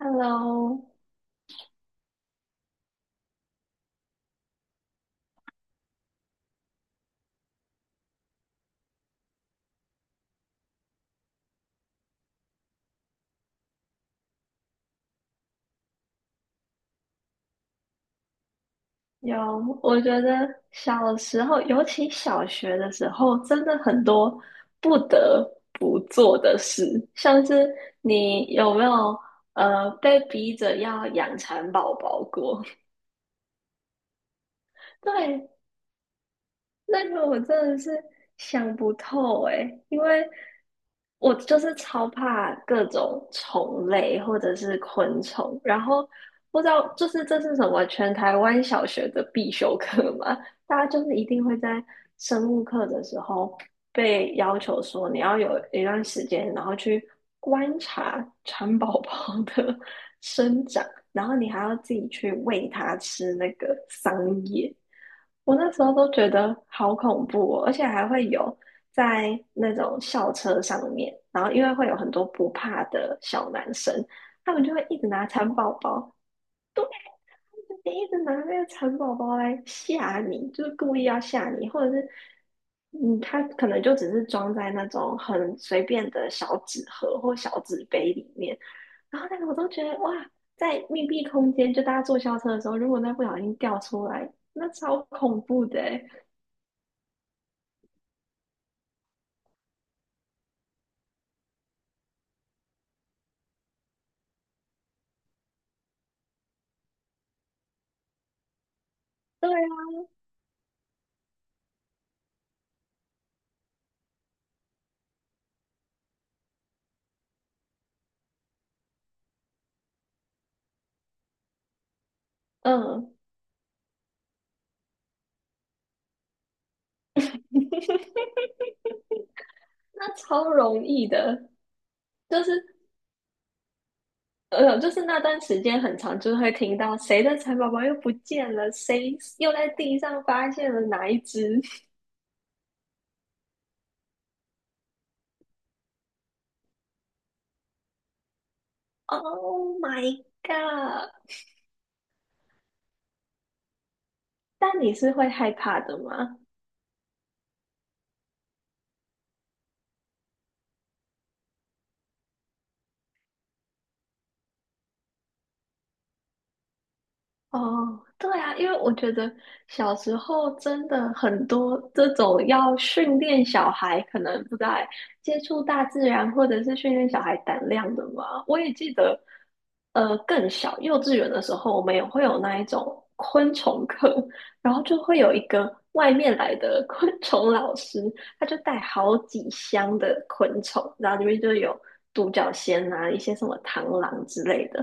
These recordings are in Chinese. Hello，有，我觉得小时候，尤其小学的时候，真的很多不得不做的事，像是你有没有被逼着要养蚕宝宝过？对，那个我真的是想不透诶，因为我就是超怕各种虫类或者是昆虫，然后不知道就是这是什么全台湾小学的必修课嘛？大家就是一定会在生物课的时候被要求说你要有一段时间，然后去观察蚕宝宝的 生长，然后你还要自己去喂它吃那个桑叶。我那时候都觉得好恐怖哦，而且还会有在那种校车上面，然后因为会有很多不怕的小男生，他们就会一直拿蚕宝宝，对，就一直拿那个蚕宝宝来吓你，就是故意要吓你，或者是他可能就只是装在那种很随便的小纸盒或小纸杯里面，然后那个我都觉得哇，在密闭空间，就大家坐校车的时候，如果那不小心掉出来，那超恐怖的欸。对啊，嗯，那超容易的，就是就是那段时间很长，就是会听到谁的蚕宝宝又不见了，谁又在地上发现了哪一只。Oh my god！但你是会害怕的吗？哦，对啊，因为我觉得小时候真的很多这种要训练小孩，可能不在接触大自然，或者是训练小孩胆量的嘛。我也记得，更小幼稚园的时候，我们也会有那一种昆虫课，然后就会有一个外面来的 昆虫老师，他就带好几箱的昆虫，然后里面就有独角仙啊，一些什么螳螂之类的。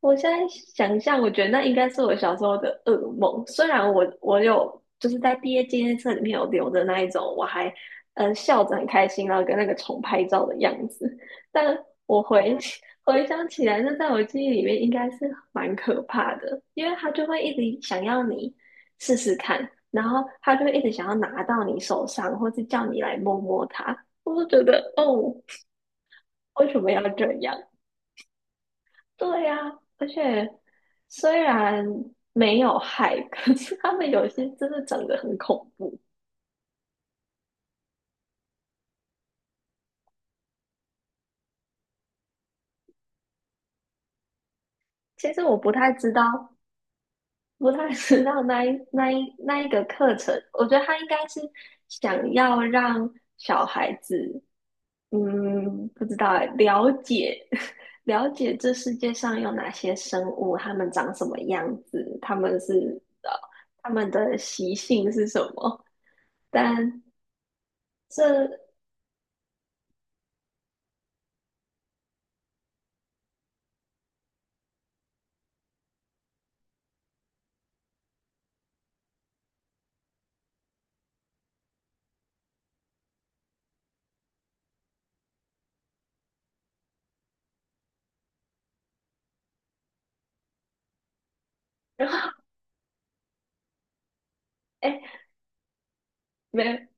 我现在想象，我觉得那应该是我小时候的噩梦。虽然我有就是在毕业纪念册里面有留的那一种，我还笑着很开心，然后跟那个虫拍照的样子，但我回 回想起来，那在我记忆里面应该是蛮可怕的，因为他就会一直想要你试试看，然后他就会一直想要拿到你手上，或是叫你来摸摸它。我就觉得，哦，为什么要这样？对呀，而且虽然没有害，可是他们有些真的长得很恐怖。其实我不太知道，不太知道那一个课程，我觉得他应该是想要让小孩子，不知道欸了解 了解这世界上有哪些生物，它们长什么样子，它们的习性是什么，但这。然后，哎，没，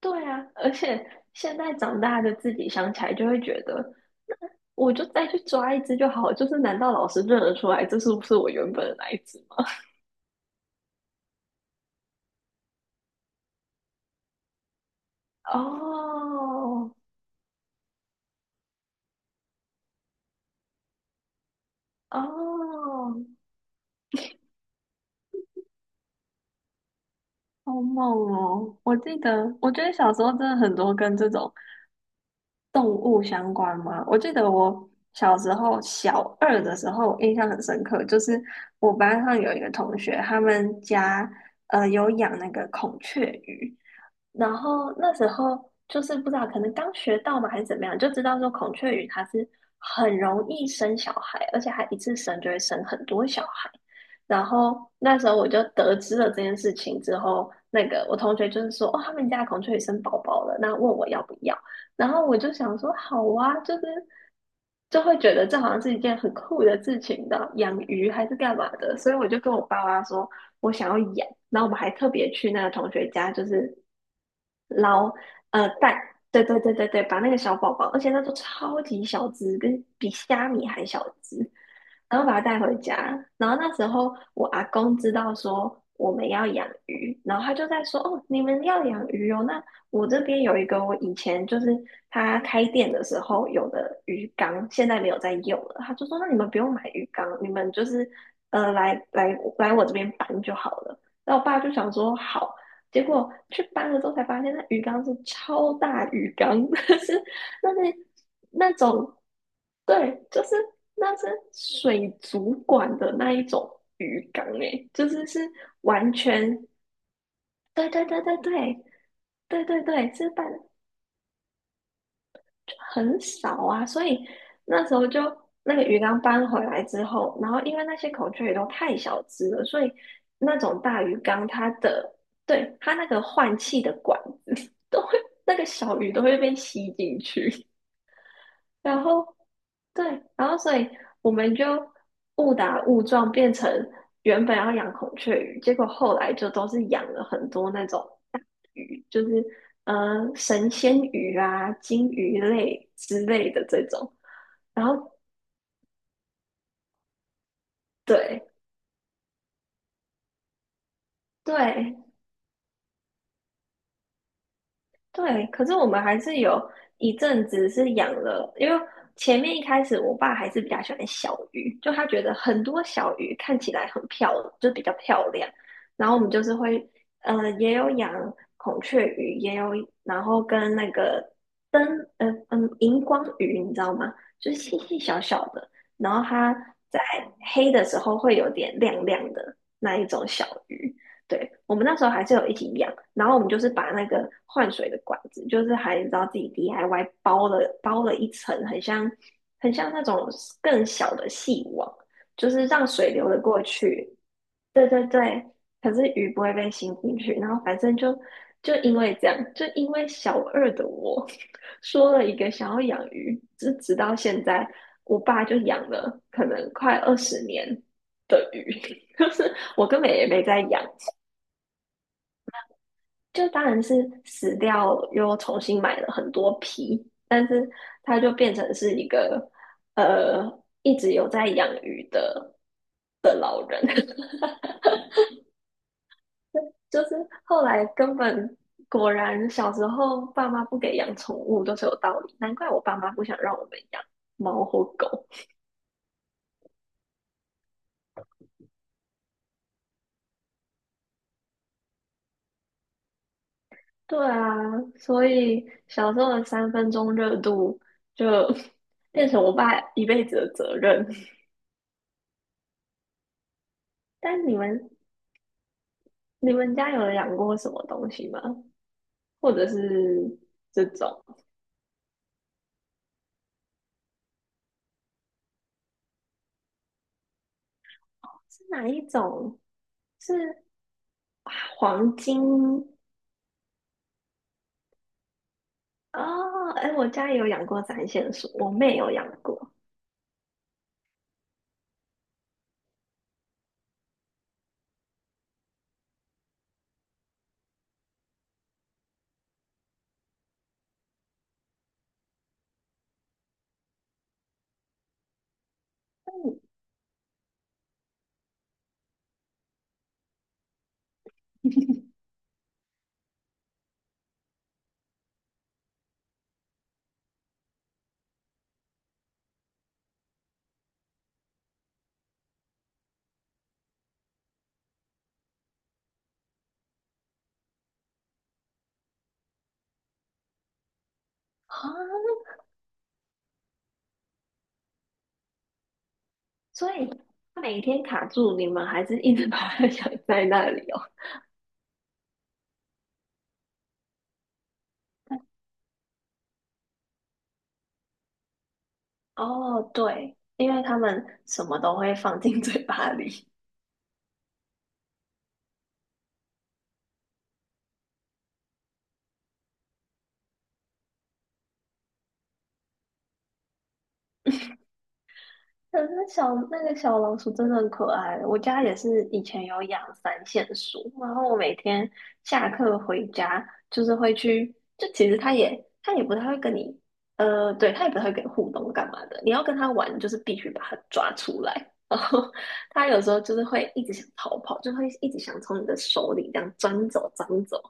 对啊，而且现在长大的自己想起来就会觉得，我就再去抓一只就好，就是难道老师认得出来这是不是我原本的那一只吗？哦哦，好猛哦！我记得，我觉得小时候真的很多跟这种动物相关嘛。我记得我小时候小二的时候，印象很深刻，就是我班上有一个同学，他们家有养那个孔雀鱼，然后那时候就是不知道，可能刚学到嘛，还是怎么样，就知道说孔雀鱼它是很容易生小孩，而且还一次生就会生很多小孩。然后那时候我就得知了这件事情之后，那个我同学就是说，哦，他们家的孔雀鱼生宝宝了，那问我要不要。然后我就想说，好啊，就是就会觉得这好像是一件很酷的事情的，养鱼还是干嘛的，所以我就跟我爸妈说我想要养，然后我们还特别去那个同学家，就是捞蛋，对对对对对，把那个小宝宝，而且那都超级小只，跟比虾米还小只，然后把它带回家。然后那时候我阿公知道说我们要养鱼，然后他就在说：“哦，你们要养鱼哦，那我这边有一个我以前就是他开店的时候有的鱼缸，现在没有在用了。”他就说：“那你们不用买鱼缸，你们就是来来来我这边搬就好了。”然后我爸就想说：“好。”结果去搬了之后才发现，那鱼缸是超大鱼缸，是那是那种。对，就是那是水族馆的那一种鱼缸诶，就是是完全，对对对对对对对对，是办就很少啊，所以那时候就那个鱼缸搬回来之后，然后因为那些孔雀鱼都太小只了，所以那种大鱼缸它的，对，它那个换气的管子 都会，那个小鱼都会被吸进去，然后对，然后所以我们就误打误撞变成原本要养孔雀鱼，结果后来就都是养了很多那种鱼，就是神仙鱼啊、金鱼类之类的这种。然后对对，对，可是我们还是有一阵子是养了，因为前面一开始我爸还是比较喜欢小鱼，就他觉得很多小鱼看起来很漂亮，就比较漂亮。然后我们就是会，也有养孔雀鱼，也有，然后跟那个灯，荧光鱼，你知道吗？就是细细小小的，然后它在黑的时候会有点亮亮的那一种小鱼。对，我们那时候还是有一起养，然后我们就是把那个换水的管子，就是还你知道自己 DIY 包了一层，很像很像那种更小的细网，就是让水流得过去。对对对，可是鱼不会被吸进去。然后反正就因为这样，就因为小二的我 说了一个想要养鱼，直到现在，我爸就养了可能快20年的鱼，就是我根本也没在养。就当然是死掉，又重新买了很多皮，但是它就变成是一个呃一直有在养鱼的，就是后来根本果然小时候爸妈不给养宠物都是有道理，难怪我爸妈不想让我们养猫或狗。对啊，所以小时候的三分钟热度就 变成我爸一辈子的责任。但你们家有养过什么东西吗？或者是这种是哪一种？是黄金哦，哎，我家也有养过展线鼠，我妹有养过嗯啊，所以每天卡住，你们还是一直 把它养在那里哦。哦，对，因为他们什么都会放进嘴巴里，可是小那个小老鼠真的很可爱，我家也是以前有养三线鼠，然后我每天下课回家就是会去，就其实它也它也不太会跟你，呃，对，它也不太会跟你互动干嘛的，你要跟它玩就是必须把它抓出来，然后 它有时候就是会一直想逃跑，就会一直想从你的手里这样钻走钻走。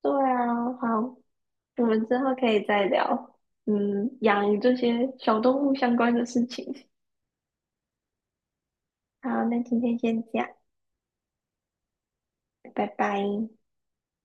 对啊，好，我们之后可以再聊，嗯，养这些小动物相关的事情。好，那今天先这样，拜拜。